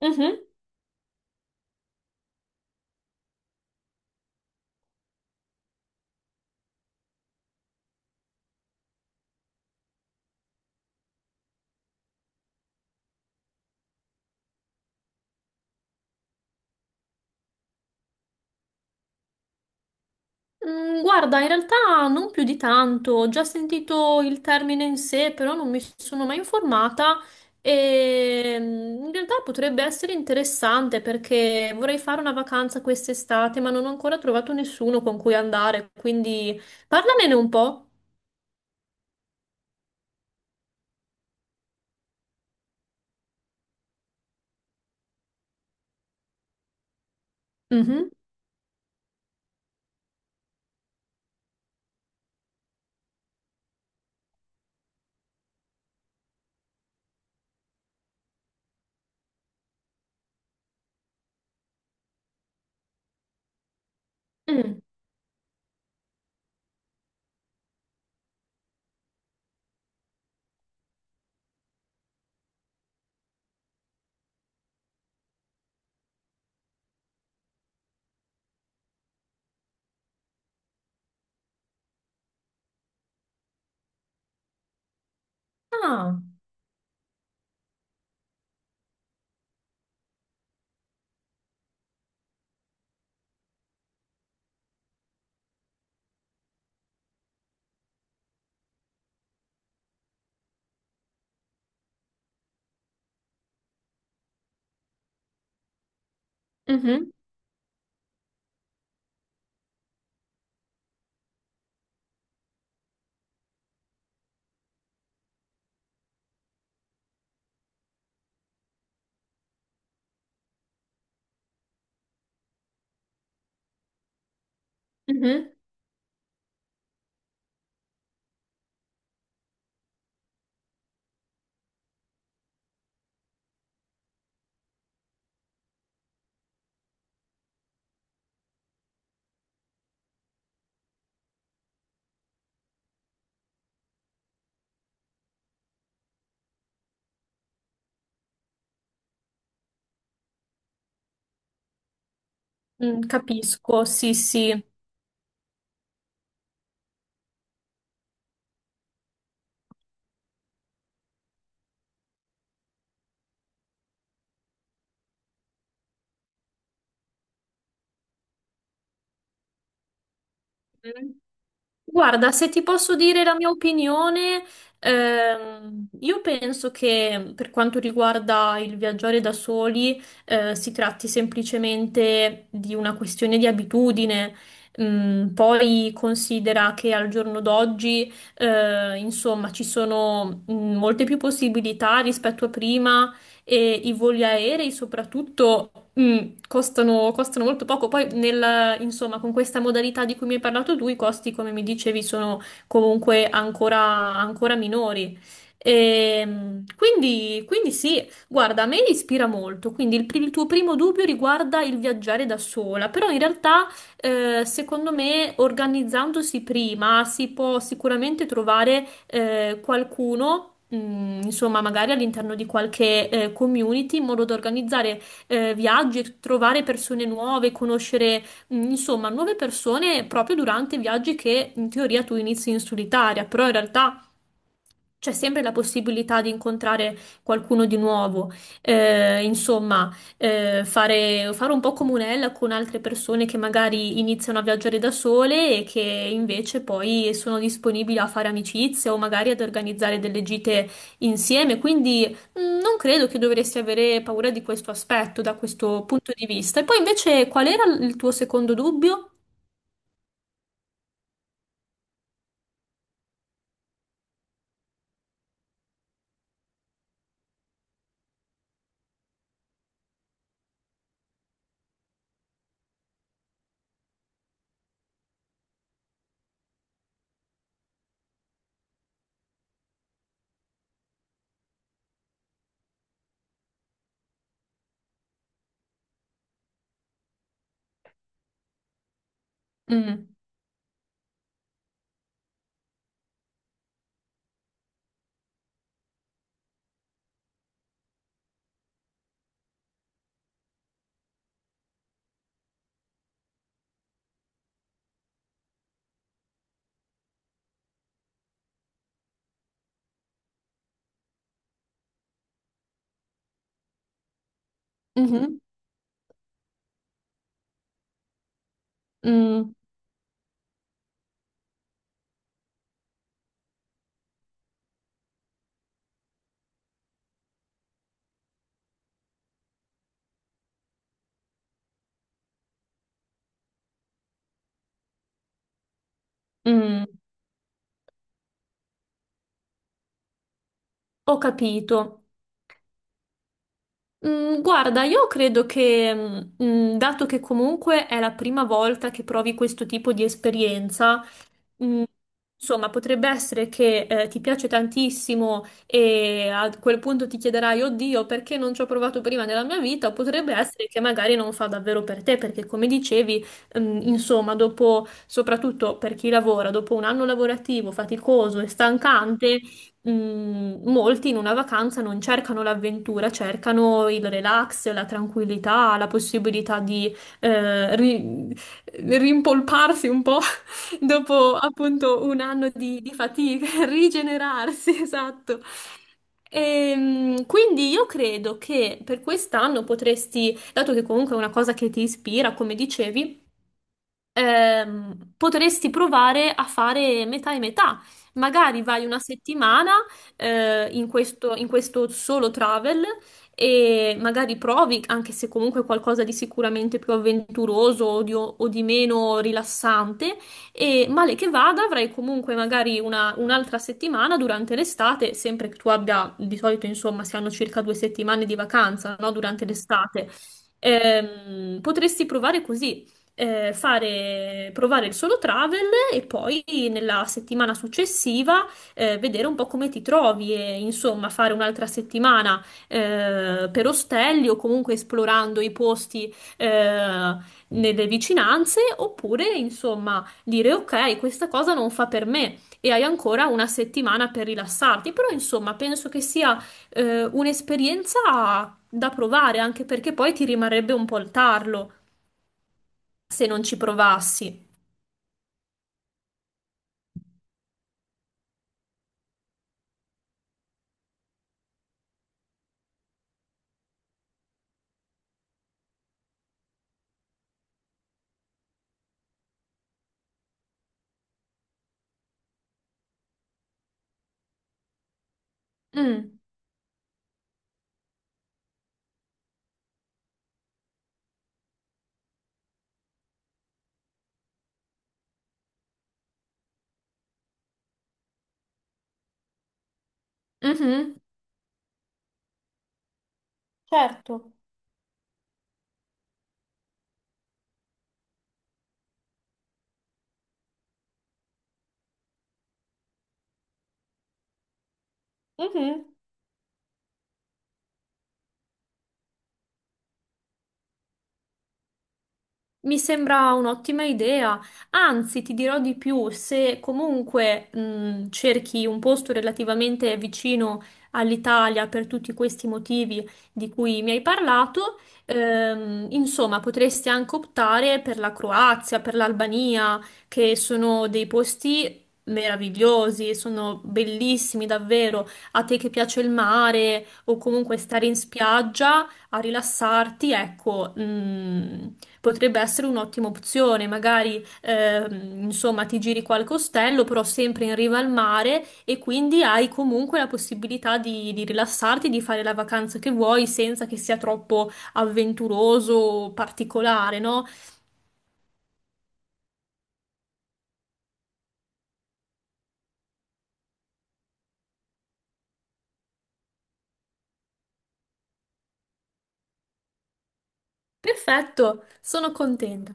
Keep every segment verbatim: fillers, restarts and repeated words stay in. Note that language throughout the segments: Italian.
Mhm. Mm, Guarda, in realtà non più di tanto, ho già sentito il termine in sé, però non mi sono mai informata e mm, in realtà potrebbe essere interessante perché vorrei fare una vacanza quest'estate, ma non ho ancora trovato nessuno con cui andare, quindi parlamene un po'. Mhm. Mm. Ah, mhm, mhm. Mm, capisco, sì, sì. Guarda, se ti posso dire la mia opinione, ehm, io penso che per quanto riguarda il viaggiare da soli, eh, si tratti semplicemente di una questione di abitudine. Mm, poi considera che al giorno d'oggi, eh, insomma, ci sono mm, molte più possibilità rispetto a prima e i voli aerei soprattutto mm, costano, costano molto poco. Poi, nel- insomma, con questa modalità di cui mi hai parlato tu, i costi, come mi dicevi, sono comunque ancora, ancora minori. Ehm, quindi, quindi sì, guarda, a me ispira molto. Quindi il, pri- il tuo primo dubbio riguarda il viaggiare da sola, però in realtà eh, secondo me, organizzandosi prima si può sicuramente trovare eh, qualcuno. mh, Insomma, magari all'interno di qualche eh, community in modo da organizzare eh, viaggi, trovare persone nuove, conoscere mh, insomma nuove persone proprio durante viaggi che in teoria tu inizi in solitaria, però in realtà c'è sempre la possibilità di incontrare qualcuno di nuovo. Eh, insomma eh, fare, fare un po' comunella con altre persone che magari iniziano a viaggiare da sole e che invece poi sono disponibili a fare amicizie o magari ad organizzare delle gite insieme. Quindi mh, non credo che dovresti avere paura di questo aspetto da questo punto di vista. E poi invece qual era il tuo secondo dubbio? Mm, mhm, mm, mm. Ho capito. Mm, Guarda, io credo che, mm, mm, dato che comunque è la prima volta che provi questo tipo di esperienza, Mm, insomma, potrebbe essere che eh, ti piace tantissimo e a quel punto ti chiederai, oddio, perché non ci ho provato prima nella mia vita? O potrebbe essere che magari non fa davvero per te, perché come dicevi, ehm, insomma, dopo, soprattutto per chi lavora, dopo un anno lavorativo faticoso e stancante, mm, molti in una vacanza non cercano l'avventura, cercano il relax, la tranquillità, la possibilità di eh, ri- rimpolparsi un po' dopo appunto un anno di, di fatica, rigenerarsi, esatto. Ehm, quindi io credo che per quest'anno potresti, dato che comunque è una cosa che ti ispira, come dicevi, ehm, potresti provare a fare metà e metà. Magari vai una settimana, eh, in questo, in questo solo travel e magari provi, anche se comunque qualcosa di sicuramente più avventuroso o di, o di meno rilassante, e male che vada avrai comunque magari una- un'altra settimana durante l'estate, sempre che tu abbia, di solito insomma, si hanno circa due settimane di vacanza, no? Durante l'estate. Ehm, potresti provare così eh, fare, provare il solo travel e poi nella settimana successiva eh, vedere un po' come ti trovi e insomma fare un'altra settimana eh, per ostelli o comunque esplorando i posti eh, nelle vicinanze oppure insomma dire ok, questa cosa non fa per me. E hai ancora una settimana per rilassarti, però insomma penso che sia eh, un'esperienza da provare anche perché poi ti rimarrebbe un po' il tarlo se non ci provassi. Mm, mhm, certo. Mhm. Mi sembra un'ottima idea, anzi ti dirò di più, se comunque mh, cerchi un posto relativamente vicino all'Italia per tutti questi motivi di cui mi hai parlato, ehm, insomma potresti anche optare per la Croazia, per l'Albania, che sono dei posti meravigliosi, sono bellissimi davvero, a te che piace il mare o comunque stare in spiaggia a rilassarti, ecco, mm, potrebbe essere un'ottima opzione. Magari, ehm, insomma, ti giri qualche ostello, però sempre in riva al mare e quindi hai comunque la possibilità di, di rilassarti, di fare la vacanza che vuoi senza che sia troppo avventuroso o particolare, no? Perfetto, sono contenta.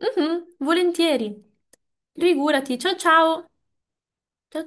Mhm, volentieri. Figurati, ciao ciao. Ciao ciao.